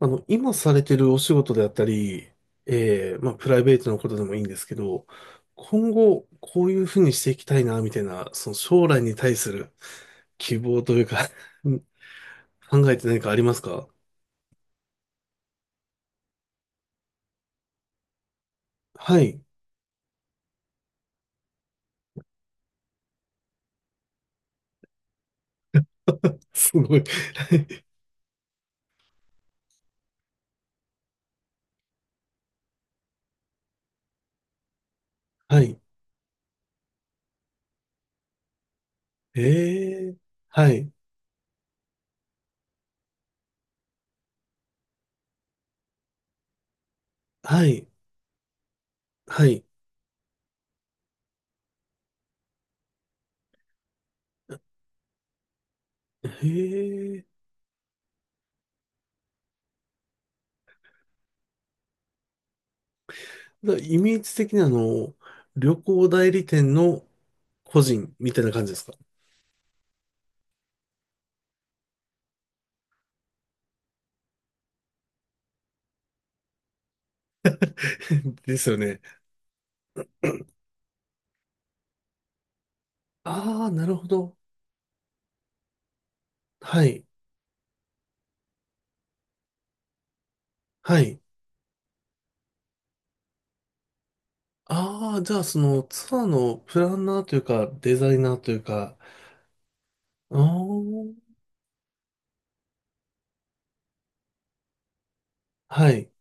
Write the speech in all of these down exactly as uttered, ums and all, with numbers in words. あの、今されてるお仕事であったり、えー、まあ、プライベートのことでもいいんですけど、今後、こういうふうにしていきたいな、みたいな、その将来に対する希望というか うん、考えて何かありますか？はい。すごい。はい。えー、はい。はい。はい。へえー。だからイメージ的にあの、旅行代理店の個人みたいな感じですか？ ですよね。ああ、なるほど。はい。はい。ああ、じゃあそのツアーのプランナーというか、デザイナーというか。ああ、はい。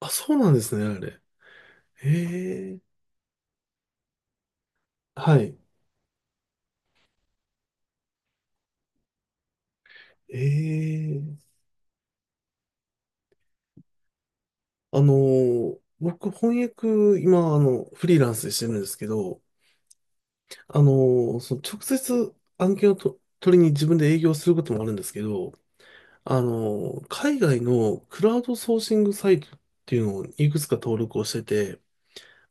あ、そうなんですね、あれ。へえ、はい。ええ、あのー、僕、翻訳、今、あの、フリーランスでしてるんですけど、あのー、その直接案件をと取りに自分で営業することもあるんですけど、あのー、海外のクラウドソーシングサイトっていうのをいくつか登録をしてて、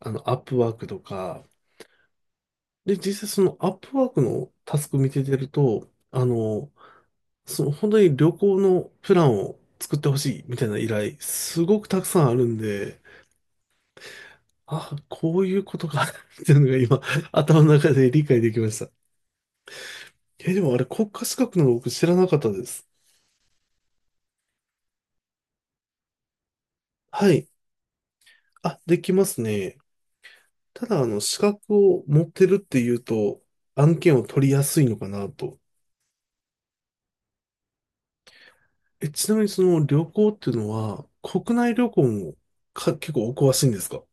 あの、アップワークとか。で、実際そのアップワークのタスク見ててると、あの、その本当に旅行のプランを作ってほしいみたいな依頼、すごくたくさんあるんで、あ、こういうことか っていうのが今、頭の中で理解できました。え、でもあれ国家資格なの僕知らなかったです。はい。あ、できますね。ただ、あの、資格を持ってるっていうと、案件を取りやすいのかなと。え、ちなみにその旅行っていうのは、国内旅行もか、結構お詳しいんですか？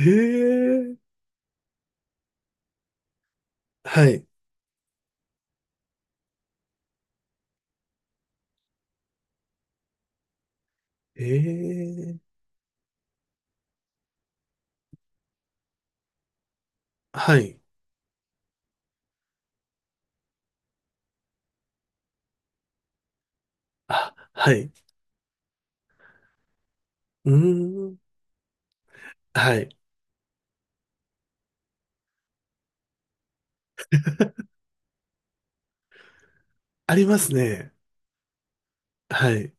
へえ、はい。ええ、はい。あ、はい。うーん、はい。ありますね。はい。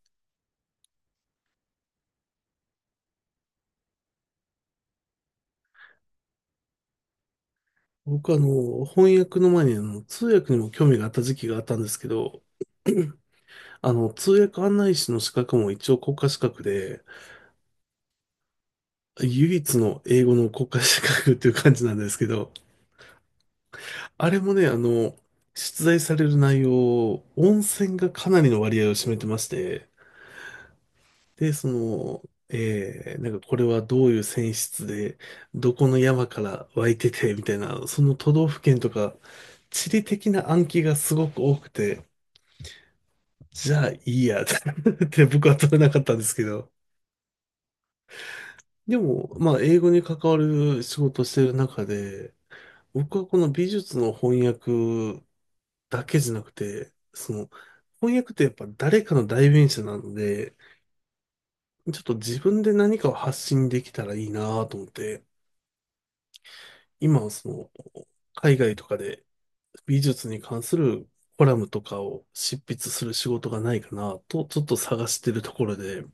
僕あの、翻訳の前にあの、通訳にも興味があった時期があったんですけど、あの、通訳案内士の資格も一応国家資格で、唯一の英語の国家資格っていう感じなんですけど、あれもね、あの、出題される内容、温泉がかなりの割合を占めてまして、で、その、えー、なんかこれはどういう泉質で、どこの山から湧いてて、みたいな、その都道府県とか、地理的な暗記がすごく多くて、じゃあいいや って僕は取れなかったんですけど。でも、まあ、英語に関わる仕事をしてる中で、僕はこの美術の翻訳だけじゃなくて、その、翻訳ってやっぱ誰かの代弁者なので、ちょっと自分で何かを発信できたらいいなと思って、今、その、海外とかで美術に関するコラムとかを執筆する仕事がないかなと、ちょっと探してるところで、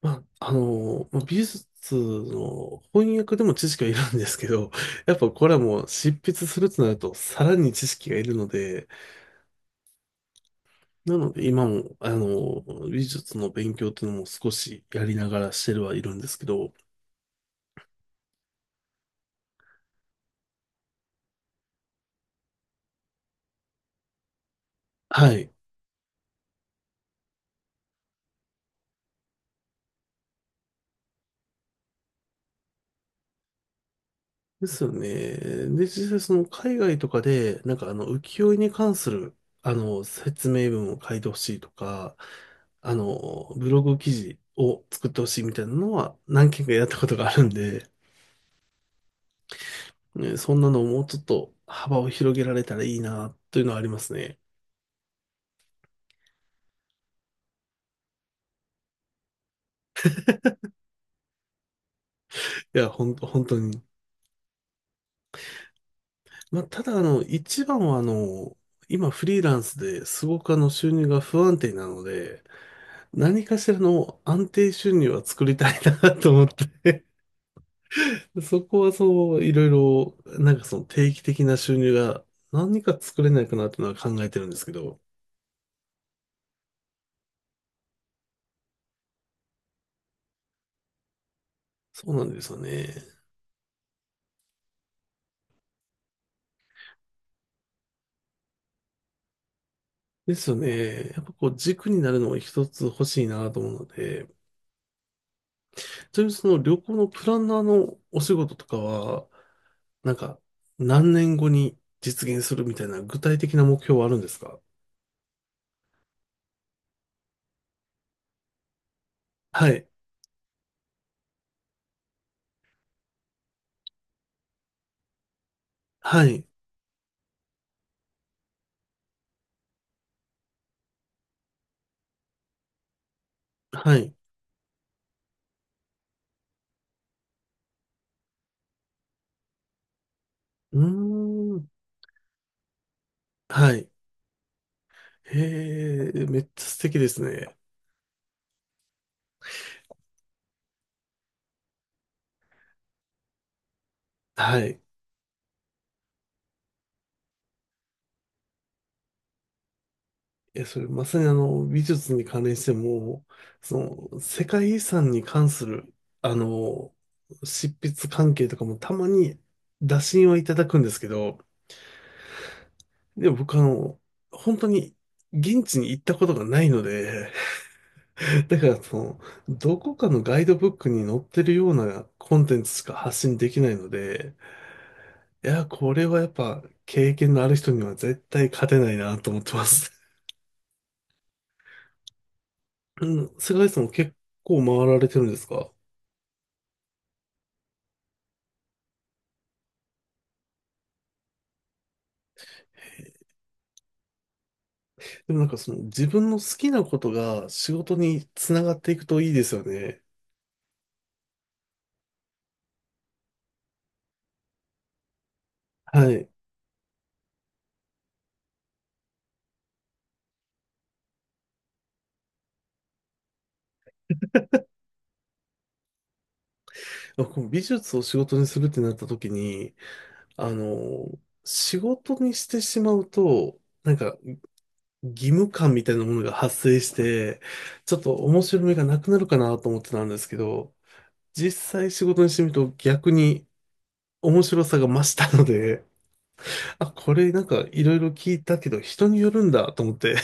まあ、あの、まあ美術の翻訳でも知識はいるんですけど、やっぱコラムを執筆するとなると、さらに知識がいるので、なので今も、あの、美術の勉強っていうのも少しやりながらしてるはいるんですけど、はい。ですよね。で、実際その海外とかで、なんかあの浮世絵に関する、あの、説明文を書いてほしいとか、あの、ブログ記事を作ってほしいみたいなのは何件かやったことがあるんで、ね、そんなのをもうちょっと幅を広げられたらいいな、というのはありますね。いや、ほんと、本当に。まあ、ただ、あの、一番は、あの、今フリーランスですごくあの収入が不安定なので、何かしらの安定収入は作りたいなと思って、そこはそう、いろいろ、なんかその定期的な収入が何か作れないかなっていうのは考えてるんですけど、そうなんですよね。ですよね。やっぱこう軸になるのも一つ欲しいなと思うので、ちなみにその旅行のプランナーのお仕事とかは、なんか何年後に実現するみたいな具体的な目標はあるんですか？はい。はい。はい。うーん。はい。へえ、めっちゃ素敵ですね。はい。いや、それまさにあの、美術に関連しても、その、世界遺産に関する、あの、執筆関係とかもたまに打診はいただくんですけど、でも僕あの、本当に現地に行ったことがないので、だからその、どこかのガイドブックに載ってるようなコンテンツしか発信できないので、いや、これはやっぱ経験のある人には絶対勝てないなと思ってます。うん、世界遺産も結構回られてるんですか？でもなんかその自分の好きなことが仕事につながっていくといいですよね。はい。こう美術を仕事にするってなった時に、あの、仕事にしてしまうと、なんか義務感みたいなものが発生して、ちょっと面白みがなくなるかなと思ってたんですけど、実際仕事にしてみると逆に面白さが増したので、あ、これなんかいろいろ聞いたけど人によるんだと思って、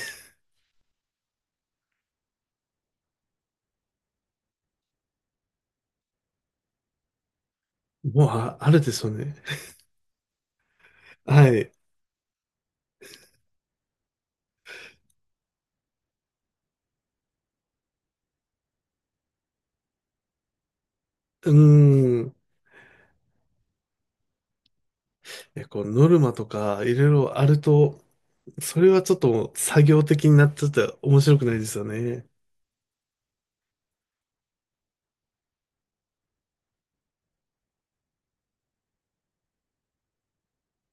もうあ、あるでしょうね。はい。うーん。え、こう、ノルマとか、いろいろあると、それはちょっと作業的になっちゃって面白くないですよね。